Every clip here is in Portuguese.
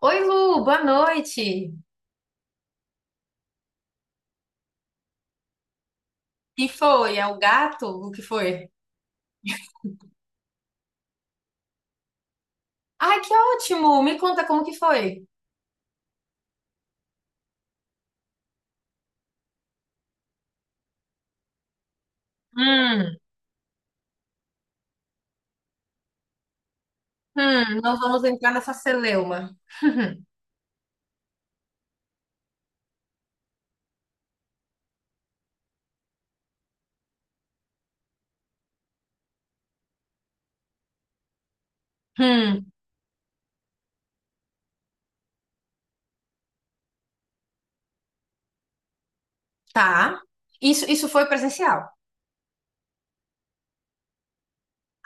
Oi, Lu, boa noite. Que foi? É o gato? O que foi? Ai, que ótimo! Me conta como que foi. Hum, não vamos entrar nessa celeuma. Hum, tá. Isso foi presencial.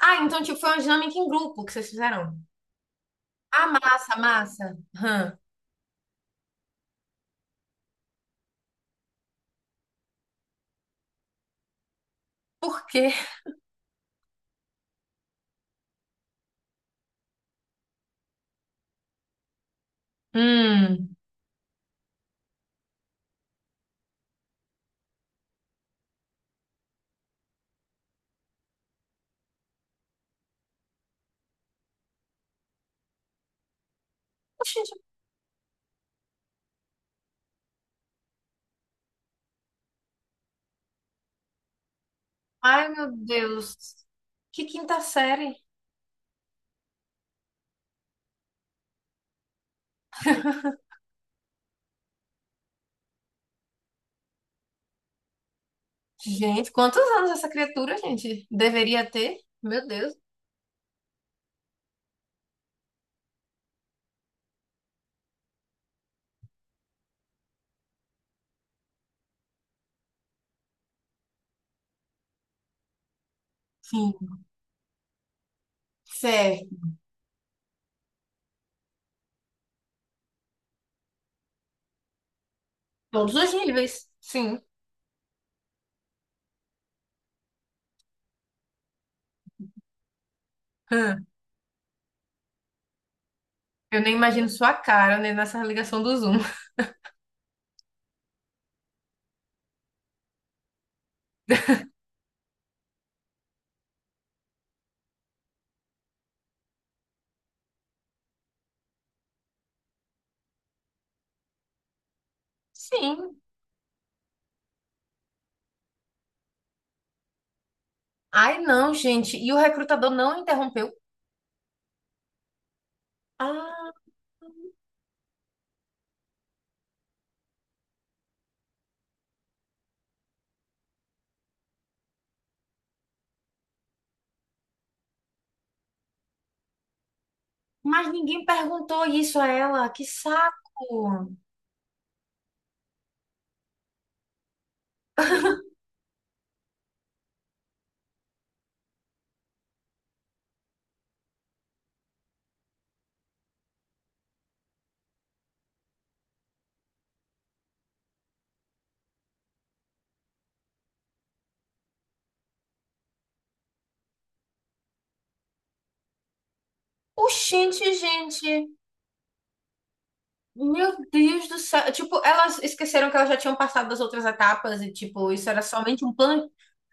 Ah, então tipo, foi uma dinâmica em grupo que vocês fizeram. Ah, massa, massa. Por quê? Hum. Gente, ai, meu Deus. Que quinta série. Gente, quantos anos essa criatura, gente, deveria ter? Meu Deus. Sim. Certo. Todos os níveis, sim. Hã, eu nem imagino sua cara, né, nessa ligação do Zoom. Sim. Ai, não, gente. E o recrutador não interrompeu? Ah, mas ninguém perguntou isso a ela. Que saco. Oxente, gente. Meu Deus do céu. Tipo, elas esqueceram que elas já tinham passado das outras etapas e, tipo, isso era somente um plano.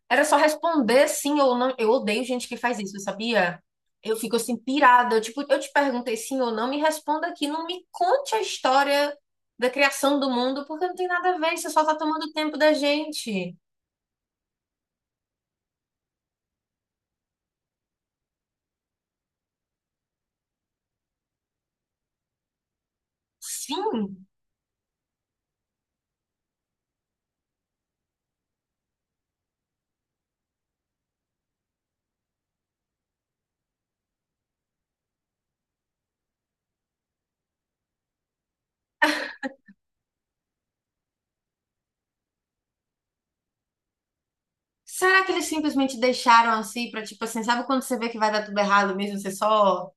Era só responder sim ou não. Eu odeio gente que faz isso, sabia? Eu fico assim, pirada. Eu, tipo, eu te perguntei sim ou não, me responda aqui. Não me conte a história da criação do mundo, porque não tem nada a ver. Você só tá tomando tempo da gente. Sim? Será que eles simplesmente deixaram assim pra, tipo assim, sabe quando você vê que vai dar tudo errado mesmo? Você só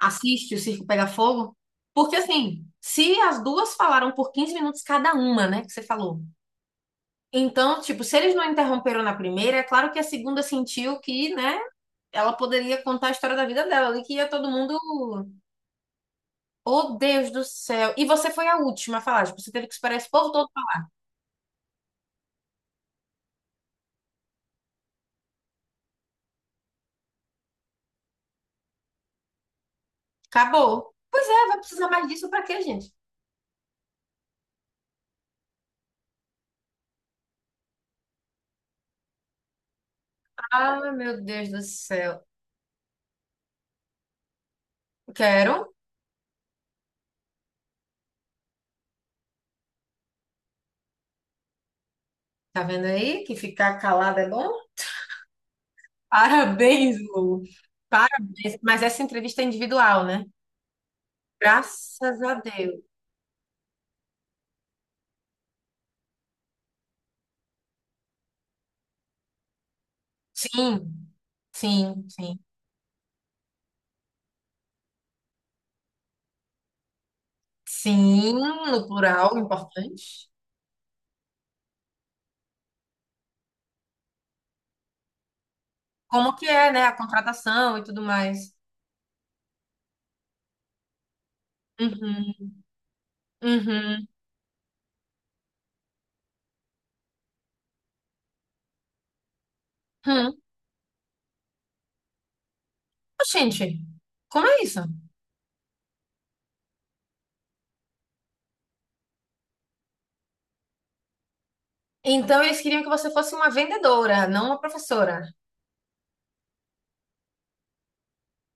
assiste o circo pegar fogo? Porque assim, se as duas falaram por 15 minutos cada uma, né, que você falou. Então, tipo, se eles não interromperam na primeira, é claro que a segunda sentiu que, né, ela poderia contar a história da vida dela ali, que ia todo mundo. Oh, Deus do céu! E você foi a última a falar, tipo, você teve que esperar esse povo todo falar. Acabou. Pois é, vai precisar mais disso pra quê, gente? Ah, meu Deus do céu. Quero. Tá vendo aí que ficar calada é bom? Parabéns, Lu. Parabéns. Mas essa entrevista é individual, né? Graças a Deus. Sim, sim, sim. Sim, no plural, importante. Como que é, né? A contratação e tudo mais. Uhum, uhum. Hum. Gente, como é isso? Então eles queriam que você fosse uma vendedora, não uma professora.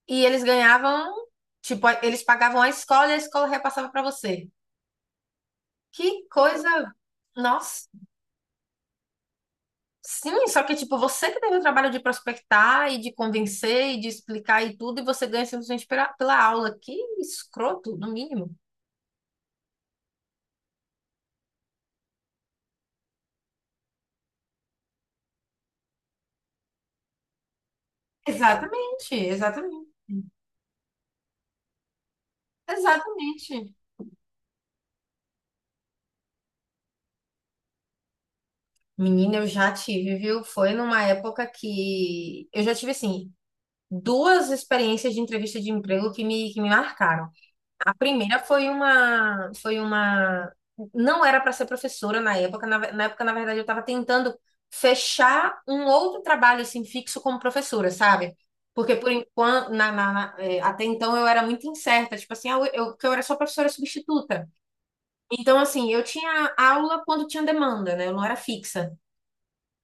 E eles ganhavam, tipo, eles pagavam a escola e a escola repassava pra você. Que coisa! Nossa, sim, só que tipo, você que teve o trabalho de prospectar e de convencer e de explicar e tudo, e você ganha simplesmente pela, pela aula. Que escroto, no mínimo. Exatamente, exatamente, exatamente. Menina, eu já tive, viu? Foi numa época que eu já tive assim duas experiências de entrevista de emprego que me marcaram. A primeira foi uma não era para ser professora na época, na época na verdade eu estava tentando fechar um outro trabalho assim fixo como professora, sabe? Porque por enquanto até então eu era muito incerta, tipo assim, ah, que eu era só professora substituta. Então, assim, eu tinha aula quando tinha demanda, né? Eu não era fixa.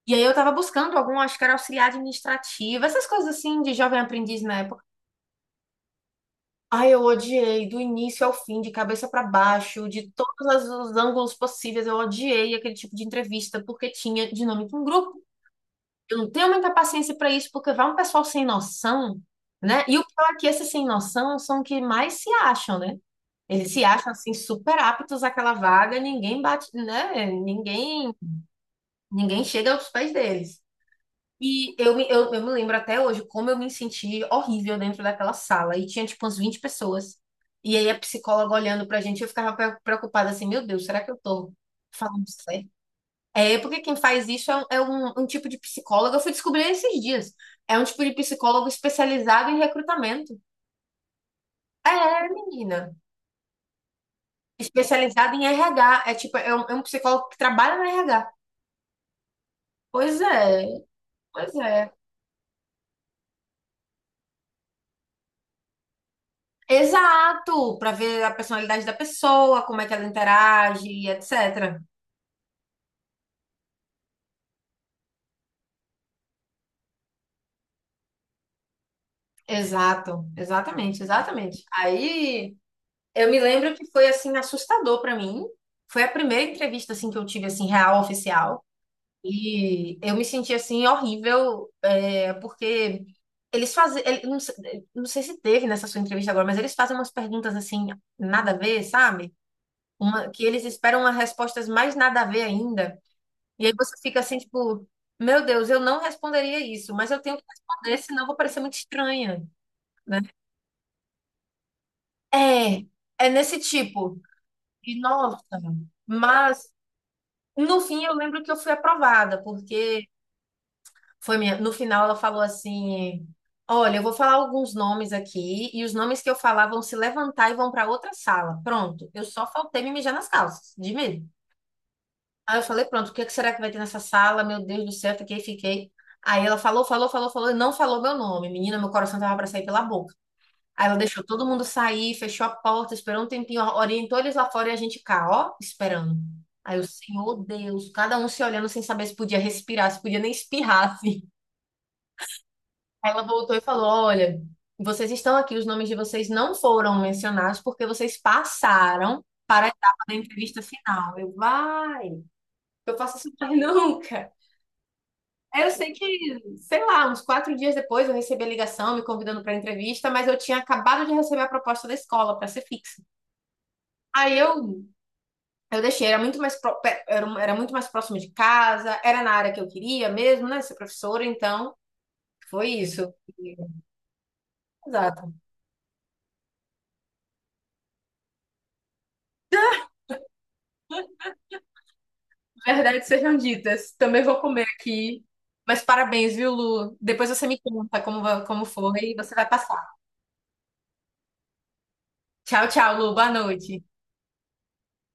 E aí eu tava buscando algum, acho que era auxiliar administrativo, essas coisas assim de jovem aprendiz na época. Ai, eu odiei do início ao fim, de cabeça pra baixo, de todos os ângulos possíveis. Eu odiei aquele tipo de entrevista porque tinha dinâmica em grupo. Eu não tenho muita paciência pra isso porque vai um pessoal sem noção, né? E o pior é que esses sem noção são os que mais se acham, né? Eles se acham assim super aptos àquela vaga, ninguém bate, né? Ninguém chega aos pés deles. E eu me lembro até hoje como eu me senti horrível dentro daquela sala. E tinha, tipo, umas 20 pessoas. E aí a psicóloga olhando pra gente, eu ficava preocupada assim, meu Deus, será que eu tô falando certo? É, porque quem faz isso é um tipo de psicóloga, eu fui descobrir esses dias. É um tipo de psicólogo especializado em recrutamento. É, menina. Especializado em RH. É tipo, é um psicólogo que trabalha no RH. Pois é, pois é. Exato, para ver a personalidade da pessoa, como é que ela interage, etc. Exato, exatamente, exatamente. Aí eu me lembro que foi assim assustador para mim. Foi a primeira entrevista assim que eu tive assim real oficial e eu me senti assim horrível, é, porque eles fazem, não, não sei se teve nessa sua entrevista agora, mas eles fazem umas perguntas assim nada a ver, sabe? Uma, que eles esperam umas respostas mais nada a ver ainda. E aí você fica assim, tipo, meu Deus, eu não responderia isso, mas eu tenho que responder, senão eu vou parecer muito estranha, né? É, é nesse tipo. E nossa, mas no fim eu lembro que eu fui aprovada, porque foi minha, no final ela falou assim: "Olha, eu vou falar alguns nomes aqui e os nomes que eu falar vão se levantar e vão para outra sala". Pronto, eu só faltei me mijar nas calças, de medo. Aí eu falei, pronto, o que é que será que vai ter nessa sala? Meu Deus do céu, fiquei, fiquei. Aí ela falou, falou, falou, falou e não falou meu nome. Menina, meu coração tava pra sair pela boca. Aí ela deixou todo mundo sair, fechou a porta, esperou um tempinho, orientou eles lá fora e a gente cá, ó, esperando. Aí o Senhor Deus, cada um se olhando sem saber se podia respirar, se podia nem espirrar, assim. Aí ela voltou e falou: Olha, vocês estão aqui, os nomes de vocês não foram mencionados porque vocês passaram para a etapa da entrevista final. Eu, vai, eu faço isso mais nunca. Eu sei que, sei lá, uns 4 dias depois eu recebi a ligação me convidando para entrevista, mas eu tinha acabado de receber a proposta da escola para ser fixa. Aí eu deixei, era muito mais era muito mais próximo de casa, era na área que eu queria mesmo, né, ser professora, então foi isso. E- Exato. Verdades sejam ditas. Também vou comer aqui. Mas parabéns, viu, Lu? Depois você me conta como foi e você vai passar. Tchau, tchau, Lu. Boa noite.